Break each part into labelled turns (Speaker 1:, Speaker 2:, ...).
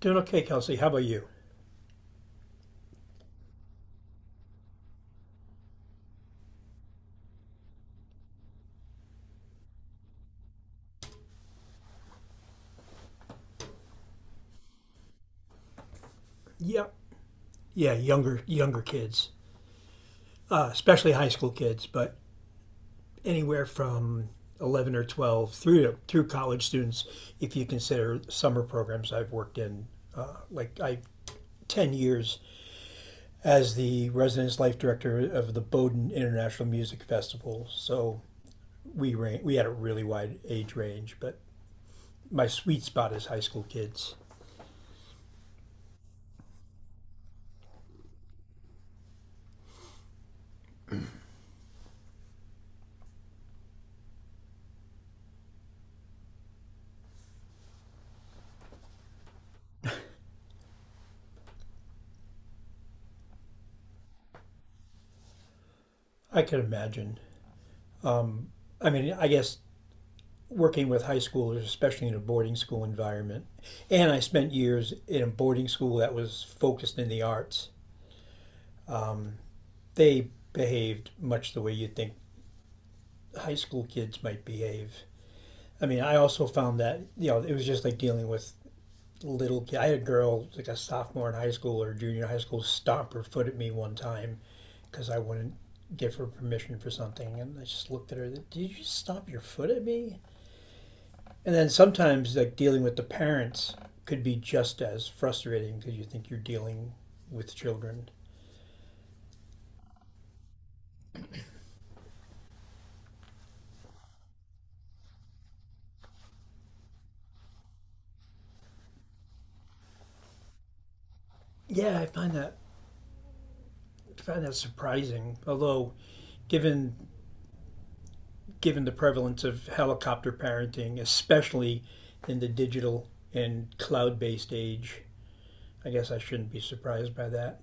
Speaker 1: Doing okay, Kelsey. How about you? Yeah, yeah, younger kids, especially high school kids, but anywhere from 11 or 12 through college students, if you consider summer programs I've worked in, like I. 10 years as the residence life director of the Bowdoin International Music Festival. So we had a really wide age range, but my sweet spot is high school kids. I can imagine. I mean, I guess working with high schoolers, especially in a boarding school environment. And I spent years in a boarding school that was focused in the arts. Um, they behaved much the way you think high school kids might behave. I mean, I also found that, you know, it was just like dealing with little kids. I had a girl, like a sophomore in high school or junior high school, stomp her foot at me one time because I wouldn't give her permission for something. And I just looked at her, did you just stomp your foot at me? And then sometimes like dealing with the parents could be just as frustrating because you think you're dealing with children. Yeah, I find that surprising. Although, given given the prevalence of helicopter parenting, especially in the digital and cloud-based age, I guess I shouldn't be surprised by that.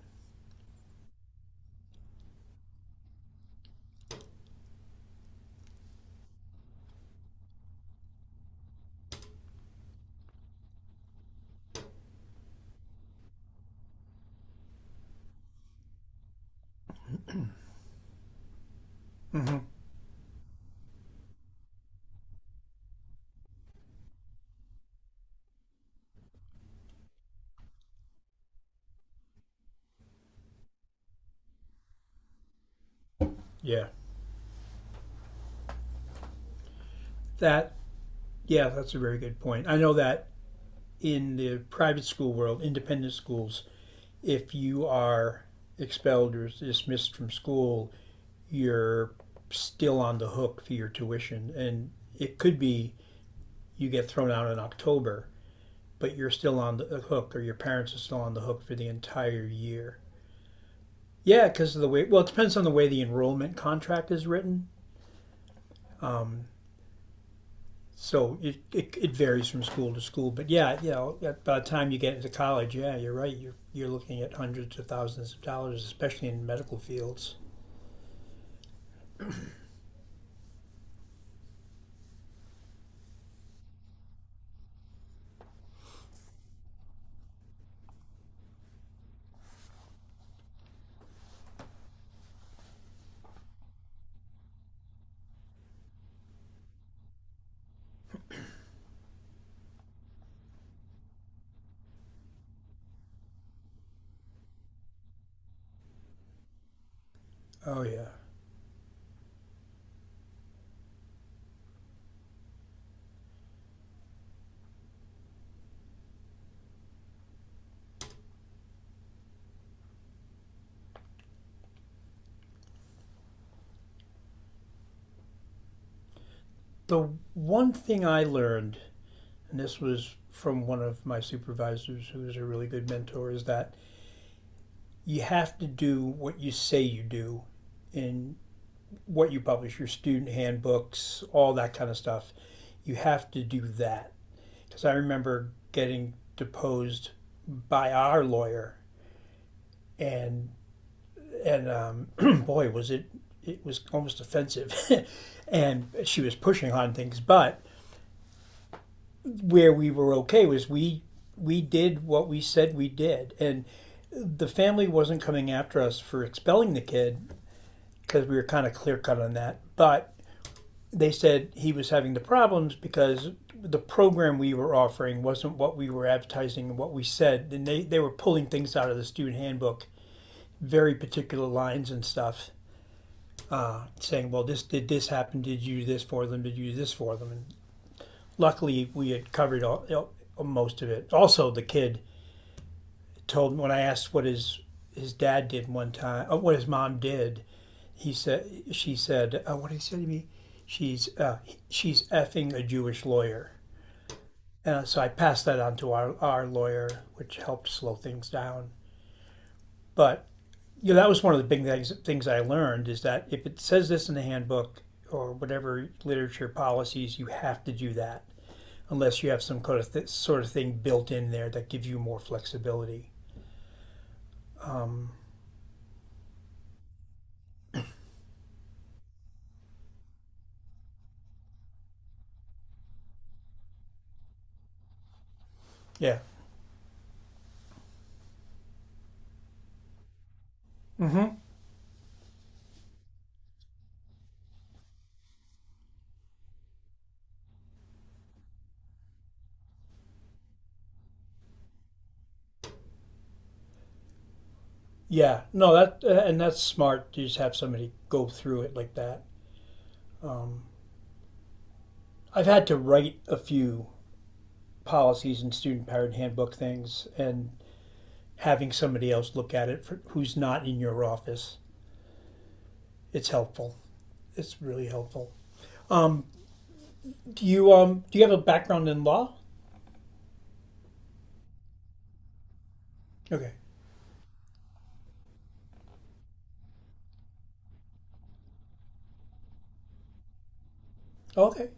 Speaker 1: Mm-hmm. Yeah, that yeah, that's a very good point. I know that in the private school world, independent schools, if you are expelled or dismissed from school, you're still on the hook for your tuition. And it could be you get thrown out in October, but you're still on the hook, or your parents are still on the hook for the entire year. Yeah, because of the way, well, it depends on the way the enrollment contract is written. Um, So it varies from school to school, but yeah, you know, by the time you get into college, yeah, you're right. You're looking at hundreds of thousands of dollars, especially in medical fields. Oh yeah. The one thing I learned, and this was from one of my supervisors, who was a really good mentor, is that you have to do what you say you do, in what you publish, your student handbooks, all that kind of stuff. You have to do that because I remember getting deposed by our lawyer, and and um, boy, was it it was almost offensive, and she was pushing on things. But where we were okay was we did what we said we did, and the family wasn't coming after us for expelling the kid because we were kind of clear cut on that, but they said he was having the problems because the program we were offering wasn't what we were advertising and what we said. And they were pulling things out of the student handbook, very particular lines and stuff, saying, well, this did this happen? Did you do this for them? Did you do this for them? And luckily, we had covered all, you know, most of it. Also, the kid told me when I asked what his dad did one time, what his mom did, he said, she said, what did he say to me? She's uh, she's effing a Jewish lawyer. So I passed that on to our lawyer, which helped slow things down. But you know, that was one of the big things, things I learned is that if it says this in the handbook or whatever literature policies, you have to do that unless you have some kind of sort of thing built in there that gives you more flexibility. Yeah. Mm-hmm. Yeah. No, that and that's smart to just have somebody go through it like that. Um, I've had to write a few policies and student powered handbook things, and having somebody else look at it for, who's not in your office. It's helpful. It's really helpful. Um, do you do you have a background in law? Okay. Okay.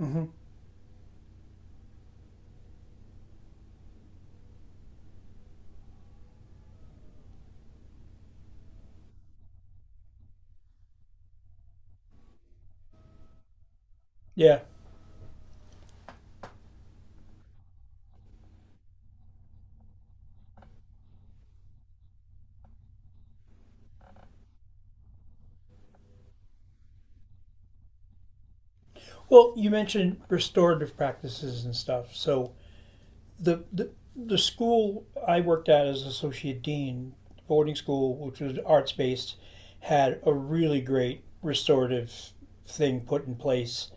Speaker 1: Mm-hmm. Yeah. Well, you mentioned restorative practices and stuff. So the school I worked at as associate dean, boarding school, which was arts based, had a really great restorative thing put in place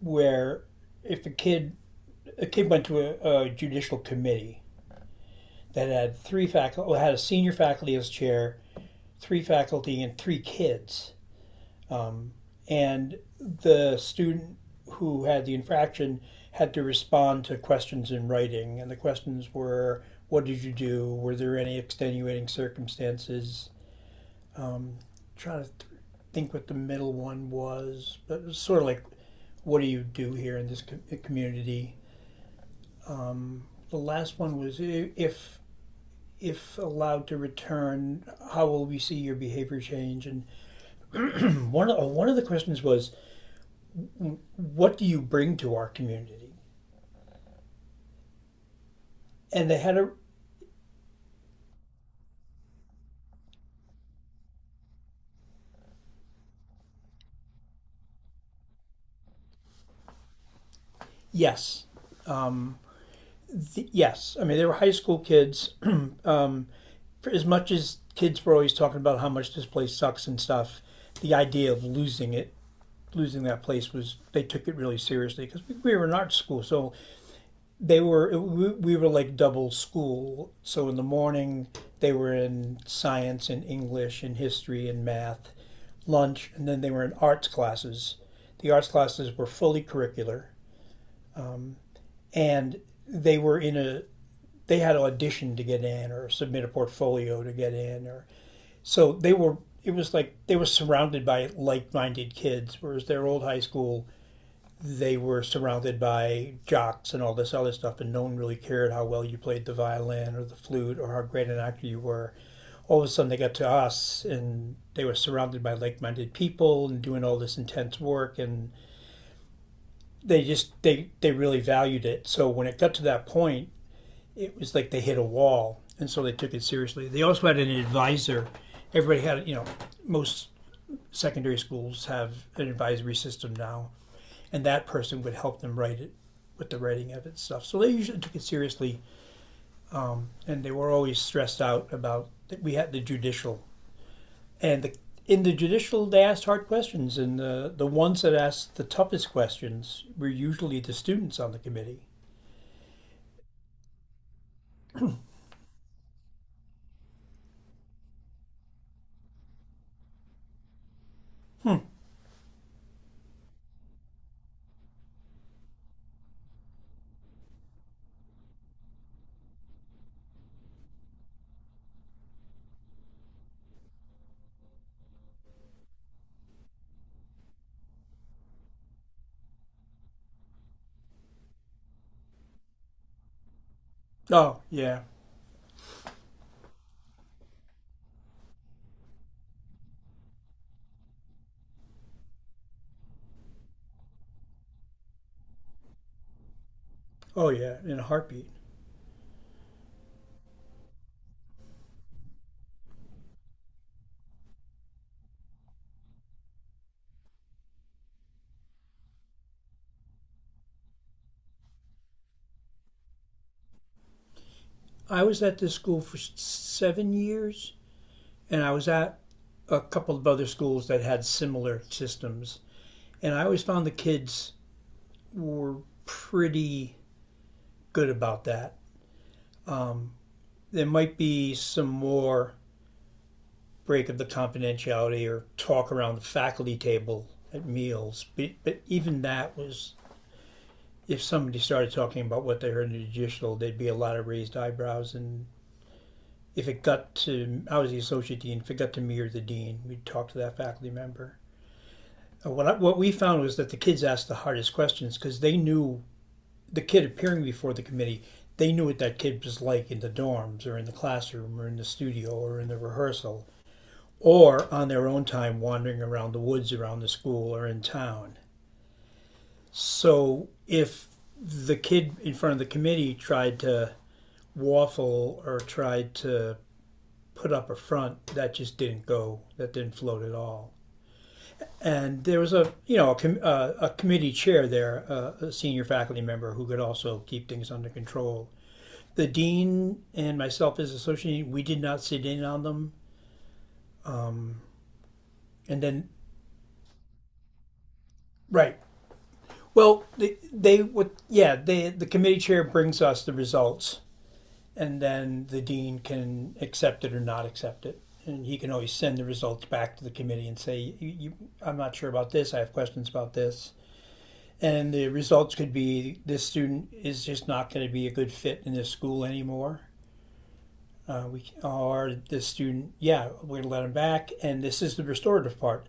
Speaker 1: where if a kid went to a judicial committee that had three faculty, had a senior faculty as chair, three faculty, and three kids. Um, and the student who had the infraction had to respond to questions in writing, and the questions were, "What did you do? Were there any extenuating circumstances?" Um, trying to th- think what the middle one was, but it was sort of like, "What do you do here in this community?" The last one was if if allowed to return, how will we see your behavior change? And one of the questions was, what do you bring to our community? And they had a yes, yes. I mean, they were high school kids. um, for as much as kids were always talking about how much this place sucks and stuff, the idea of losing that place was they took it really seriously because we were an art school, so they were we were like double school, so in the morning they were in science and english and history and math, lunch, and then they were in arts classes. The arts classes were fully curricular, and they were in a they had to audition to get in or submit a portfolio to get in. Or so they were It was like they were surrounded by like-minded kids, whereas their old high school they were surrounded by jocks and all this other stuff, and no one really cared how well you played the violin or the flute or how great an actor you were. All of a sudden, they got to us, and they were surrounded by like-minded people and doing all this intense work, and they just they really valued it. So when it got to that point, it was like they hit a wall, and so they took it seriously. They also had an advisor. Everybody had, you know, most secondary schools have an advisory system now, and that person would help them write it with the writing of it and stuff. So they usually took it seriously, and they were always stressed out about that. We had the judicial, and the in the judicial they asked hard questions, and the ones that asked the toughest questions were usually the students on the committee. Oh yeah, oh yeah, in a heartbeat. I was at this school for seven years, and I was at a couple of other schools that had similar systems, and I always found the kids were pretty good about that. Um, there might be some more break of the confidentiality or talk around the faculty table at meals, but even that was if somebody started talking about what they heard in the judicial, there'd be a lot of raised eyebrows. And if it got to, I was the associate dean, if it got to me or the dean, we'd talk to that faculty member. What we found was that the kids asked the hardest questions because they knew the kid appearing before the committee, they knew what that kid was like in the dorms or in the classroom or in the studio or in the rehearsal or on their own time wandering around the woods around the school or in town. So if the kid in front of the committee tried to waffle or tried to put up a front, that just didn't go, that didn't float at all. And there was a, you know, a committee chair there, a senior faculty member who could also keep things under control. The dean and myself as associate dean, we did not sit in on them. And then, right. Well, the committee chair brings us the results, and then the dean can accept it or not accept it. And he can always send the results back to the committee and say, I'm not sure about this. I have questions about this. And the results could be this student is just not going to be a good fit in this school anymore, we are the student, yeah, we're gonna let them back, and this is the restorative part.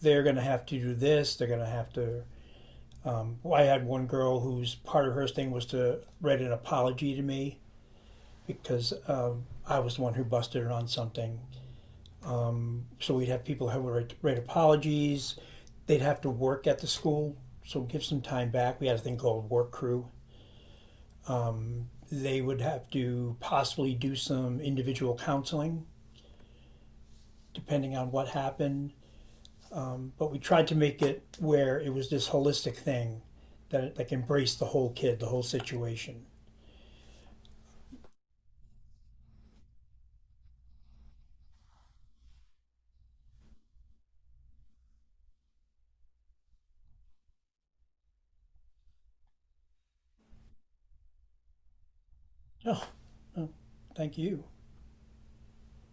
Speaker 1: They're gonna have to do this. They're gonna have to. I had one girl whose part of her thing was to write an apology to me because I was the one who busted her on something. So we'd have people who would write apologies. They'd have to work at the school, so give some time back. We had a thing called work crew. They would have to possibly do some individual counseling depending on what happened, but we tried to make it where it was this holistic thing that like embraced the whole kid, the whole situation. Oh, thank you.